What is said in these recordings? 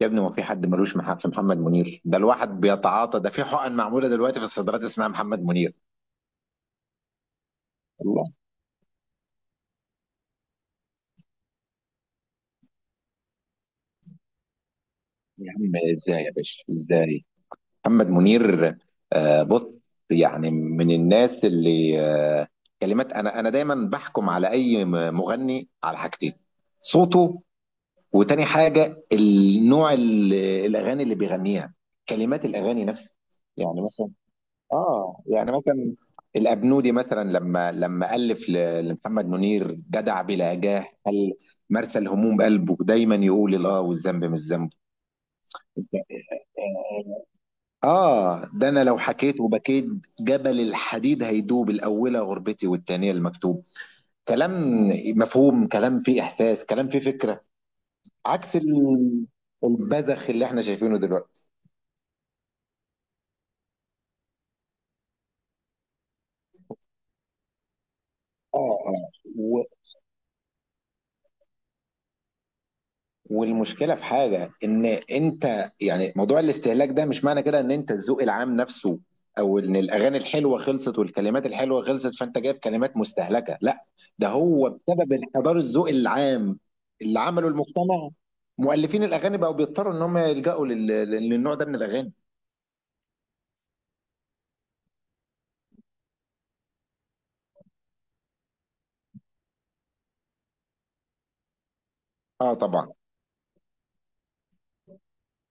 يا ابني، ما في حد ملوش محل في محمد منير. ده الواحد بيتعاطى، ده في حقن معموله دلوقتي في الصيدليات اسمها محمد منير. الله. يا عم ازاي، يا باشا ازاي؟ محمد منير، آه، بص. يعني من الناس اللي آه كلمات. انا دايما بحكم على اي مغني على حاجتين. صوته، وتاني حاجه النوع الاغاني اللي بيغنيها، كلمات الاغاني نفسها. يعني مثلا، اه يعني مثلا، الابنودي مثلا لما الف لمحمد منير جدع بلا جاه، قال: مرسى الهموم، قلبه دايما يقول الاه، والذنب مش ذنبه. اه، ده انا لو حكيت وبكيت، جبل الحديد هيدوب، الاولى غربتي والتانية المكتوب. كلام مفهوم، كلام فيه احساس، كلام فيه فكرة، عكس البذخ اللي احنا شايفينه دلوقتي. اه، اه. والمشكله في حاجه، ان انت يعني موضوع الاستهلاك ده، مش معنى كده ان انت الذوق العام نفسه، او ان الاغاني الحلوه خلصت والكلمات الحلوه خلصت فانت جايب كلمات مستهلكه، لا. ده هو بسبب انحدار الذوق العام اللي عمله المجتمع. مؤلفين الاغاني بقوا بيضطروا ان هم يلجأوا للنوع ده من الاغاني. اه، طبعا.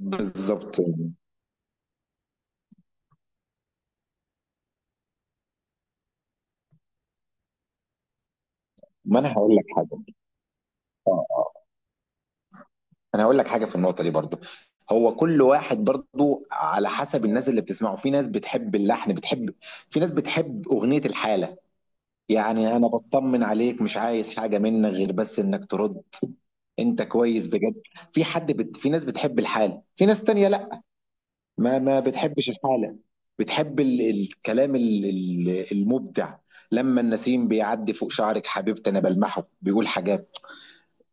بالظبط. ما انا هقول لك حاجه. اه، آه. انا هقول لك حاجه في النقطه دي برضو. هو كل واحد برضو على حسب الناس اللي بتسمعه، في ناس بتحب اللحن، بتحب. في ناس بتحب اغنيه الحاله. يعني انا بطمن عليك، مش عايز حاجه منك غير بس انك ترد، انت كويس بجد؟ في ناس بتحب الحاله، في ناس تانية لا، ما بتحبش الحاله. بتحب الكلام المبدع. لما النسيم بيعدي فوق شعرك حبيبتي، انا بلمحه بيقول حاجات،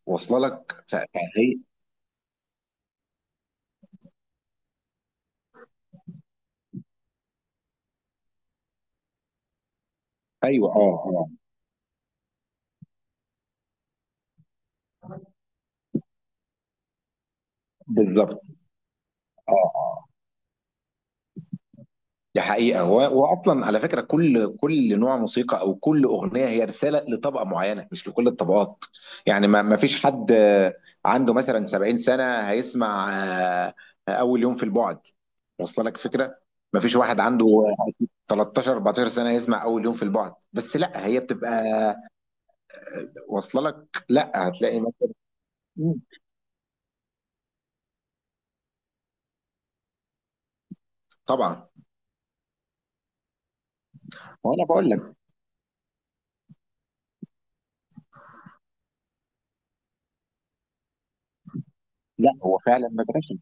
واصله لك. ايوه، اه، اه، بالظبط. دي حقيقة، وأصلا على فكرة كل كل نوع موسيقى أو كل أغنية هي رسالة لطبقة معينة مش لكل الطبقات. يعني ما فيش حد، عنده مثلا 70 سنة هيسمع، أول يوم في البعد. واصله لك فكرة. ما فيش واحد عنده 13 14 سنة يسمع أول يوم في البعد، بس لا، هي بتبقى واصله لك، لا، هتلاقي مثلا. مم. طبعا. وأنا بقول لك. لا، هو فعلا مدرسة.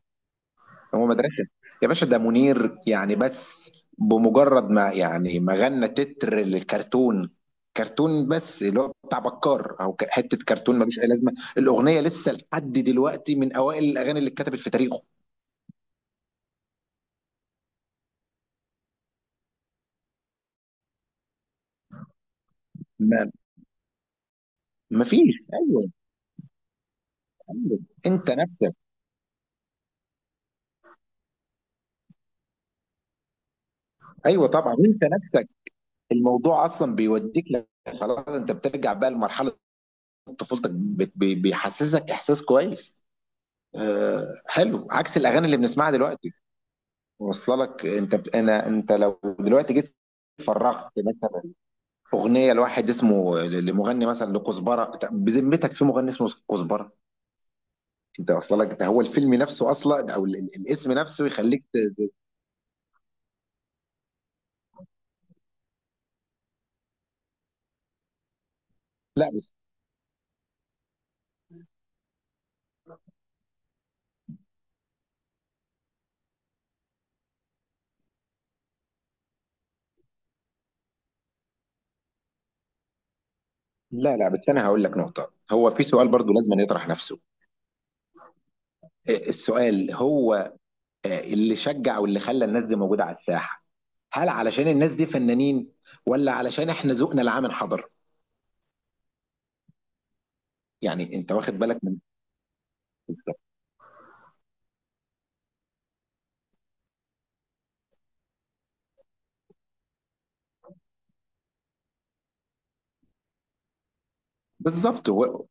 هو مدرسة. يا باشا، ده منير يعني، بس بمجرد ما يعني ما غنى تتر للكرتون، كرتون بس اللي هو بتاع بكار او حته كرتون ملوش اي لازمه، الاغنيه لسه لحد دلوقتي من اوائل الاغاني اللي اتكتبت في تاريخه. ما ما فيش. ايوه. ايوه، انت نفسك. ايوه، طبعا، انت نفسك. الموضوع اصلا بيوديك. خلاص، انت بترجع بقى لمرحله طفولتك، بيحسسك احساس كويس. آه، حلو، عكس الاغاني اللي بنسمعها دلوقتي. واصله لك. انت بت... انا انت لو دلوقتي جيت فرغت مثلا اغنيه لواحد اسمه، لمغني مثلا لكزبره، طب بذمتك في مغني اسمه كزبره؟ انت واصله لك، ده هو الفيلم نفسه اصلا، او الاسم نفسه يخليك. لا بس. لا، لا، بس انا هقول لك نقطه، هو في سؤال برضو لازم أن يطرح نفسه. إيه السؤال؟ هو اللي شجع واللي خلى الناس دي موجوده على الساحه، هل علشان الناس دي فنانين، ولا علشان احنا ذوقنا العام انحدر؟ يعني انت واخد بالك من. بالظبط، هو.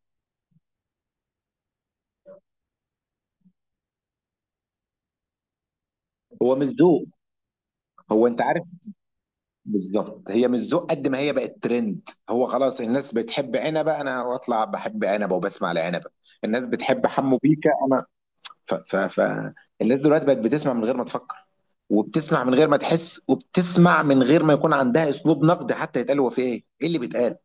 هو مش ذوق. هو، انت عارف، بالظبط، هي مش ذوق قد ما هي بقت ترند، هو خلاص الناس بتحب عنبه، انا اطلع بحب عنبه وبسمع لعنبه. الناس بتحب حمو بيكا، انا ف. الناس دلوقتي بقت بتسمع من غير ما تفكر، وبتسمع من غير ما تحس، وبتسمع من غير ما يكون عندها اسلوب نقد، حتى يتقال هو في ايه اللي بيتقال.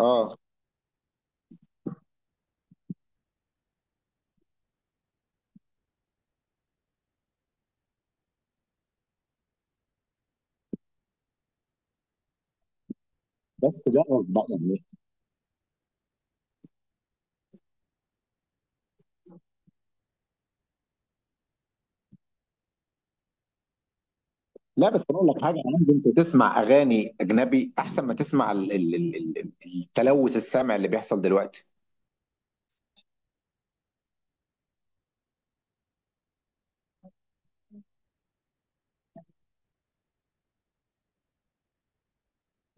اه، بس ده بقى يعني. لا بس اقول لك حاجه يا عم، انت تسمع اغاني اجنبي احسن ما تسمع التلوث السمع اللي بيحصل دلوقتي.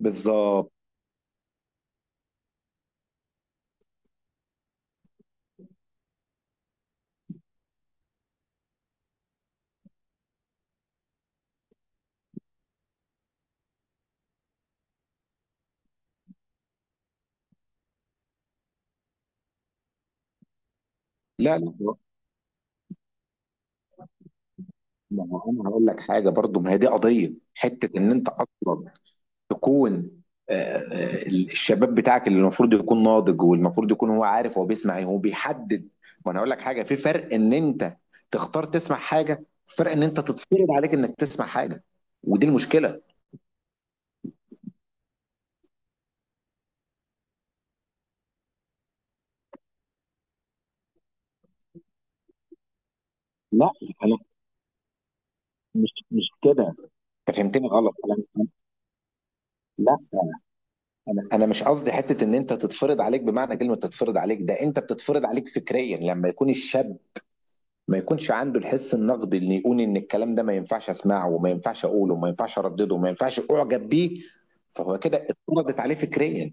بالظبط. لا، لا. ما هو انا هقول لك حاجه برضو، ما هي دي قضيه حته ان انت اصلا تكون، الشباب بتاعك اللي المفروض يكون ناضج، والمفروض يكون هو عارف هو بيسمع ايه، هو بيحدد. وانا هقول لك حاجه، في فرق ان انت تختار تسمع حاجه، فرق ان انت تتفرض عليك انك تسمع حاجه، ودي المشكله. لا، انا مش كده. انت فهمتني غلط. انا، لا، انا مش قصدي حته ان انت تتفرض عليك بمعنى كلمه تتفرض عليك، ده انت بتتفرض عليك فكريا لما يكون الشاب ما يكونش عنده الحس النقدي اللي يقول ان الكلام ده ما ينفعش اسمعه، وما ينفعش اقوله، وما ينفعش اردده، وما ينفعش اعجب بيه، فهو كده اتفرضت عليه فكريا.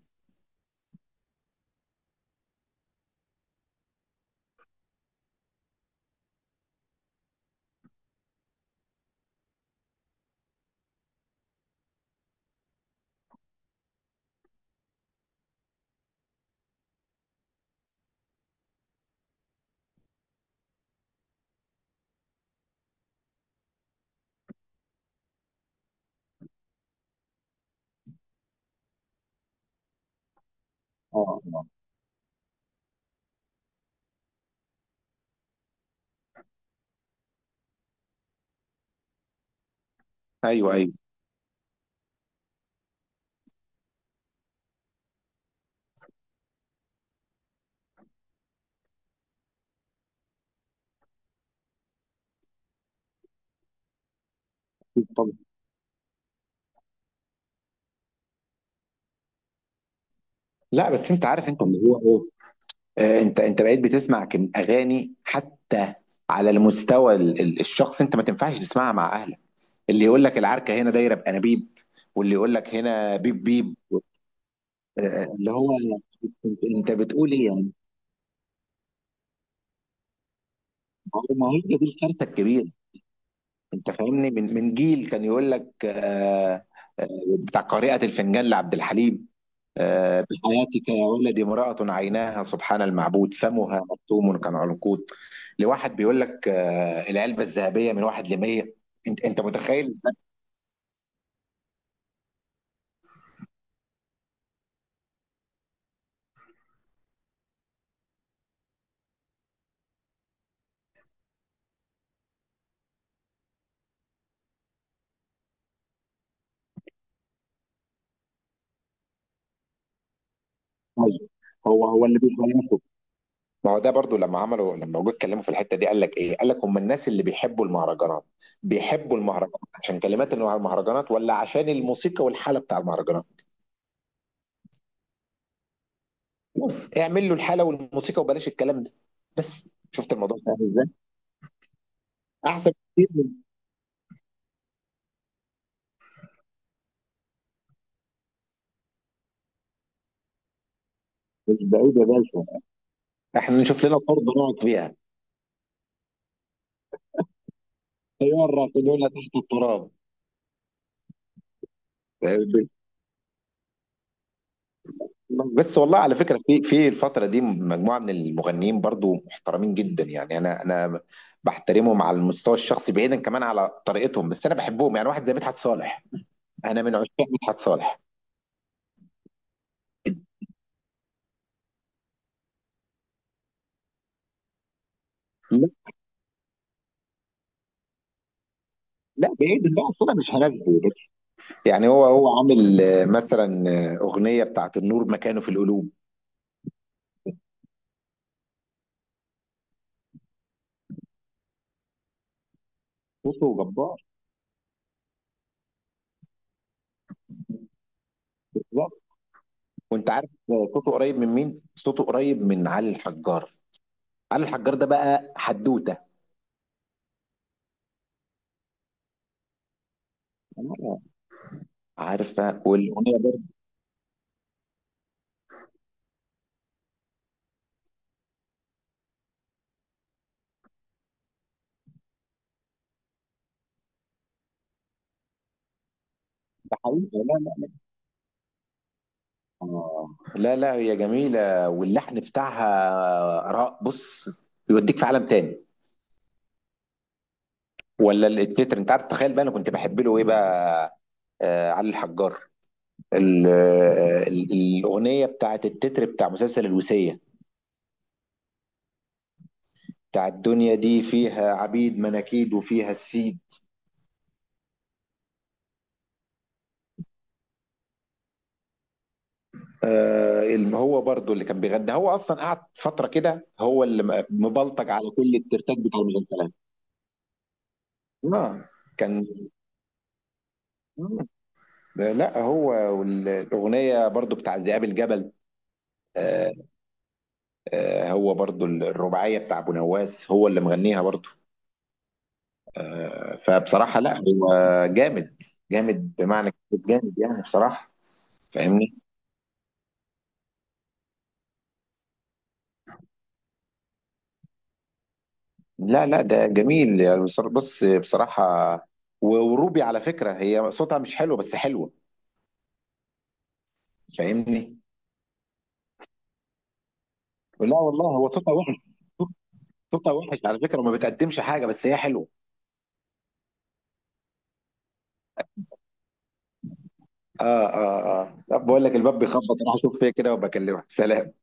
اه، اه. ايوه، ايوه. طب. لا بس انت عارف انت اللي هو ايه، انت بقيت بتسمع كم اغاني حتى، على المستوى الشخص، انت ما تنفعش تسمعها مع اهلك، اللي يقول لك: العركه هنا دايره بانابيب، واللي يقول لك: هنا بيب بيب. آه، اللي هو انت بتقول ايه يعني؟ ما هو هي دي الكارثه الكبيره. انت فاهمني، من جيل كان يقول لك، آه، بتاع قارئة الفنجان لعبد الحليم، بحياتك يا ولدي، امرأة عيناها سبحان المعبود، فمها مكتوم كالعنقود، لواحد بيقول لك العلبة الذهبية من واحد لمية. انت متخيل؟ طيب، هو هو اللي بيخلصه؟ ما هو ده برضو، لما عملوا، لما جم اتكلموا في الحته دي، قال لك ايه؟ قال لك هم الناس اللي بيحبوا المهرجانات، بيحبوا المهرجانات عشان كلمات المهرجانات ولا عشان الموسيقى والحاله بتاع المهرجانات؟ بص اعمل له الحاله والموسيقى وبلاش الكلام ده. بس شفت الموضوع ده عامل ازاي؟ احسن كتير. مش بعيد يا باشا، احنا نشوف لنا ارض نقعد فيها، طياره تقولنا تحت التراب. بس والله، على فكره، في في الفتره دي مجموعه من المغنيين برضو محترمين جدا، يعني انا بحترمهم على المستوى الشخصي بعيدا كمان على طريقتهم، بس انا بحبهم، يعني واحد زي مدحت صالح. انا من عشاق مدحت صالح. لا، لا، بعيد بقى، الصوره مش هناسبه. يعني هو هو عامل، مثلا، أغنية بتاعت النور مكانه في القلوب. صوته جبار. جبار. وانت عارف، صوته قريب من مين؟ صوته قريب من علي الحجار. علي الحجار ده بقى حدوتة. آه. عارفة، والأغنية برضه. ده حقيقة، لا، لا. آه. لا، لا، هي جميلة واللحن بتاعها، بص، يوديك في عالم تاني. ولا التتر، انت عارف، تخيل بقى انا كنت بحب له ايه بقى، آه، علي الحجار، الأغنية بتاعت التتر بتاع مسلسل الوصية، بتاع الدنيا دي فيها عبيد مناكيد وفيها السيد. هو برضو اللي كان بيغني، هو اصلا قعد فتره كده، هو اللي مبلطج على كل الترتاج بتاع المغني. اه، كان، لا هو، والاغنيه برضو بتاع ذئاب الجبل. آه. هو برضو الرباعيه بتاع ابو نواس هو اللي مغنيها برضو. فبصراحه لا، هو جامد، جامد بمعنى كلمة جامد، يعني بصراحه. فاهمني؟ لا، لا، ده جميل، يعني بص، بصراحة. وروبي، على فكرة، هي صوتها مش حلو بس حلوة. فاهمني؟ لا والله، هو صوتها وحش، صوتها وحش على فكرة، وما بتقدمش حاجة بس هي حلوة. اه، اه، اه. لا، بقول لك الباب بيخبط، راح اشوف فيها كده وبكلمك، سلام.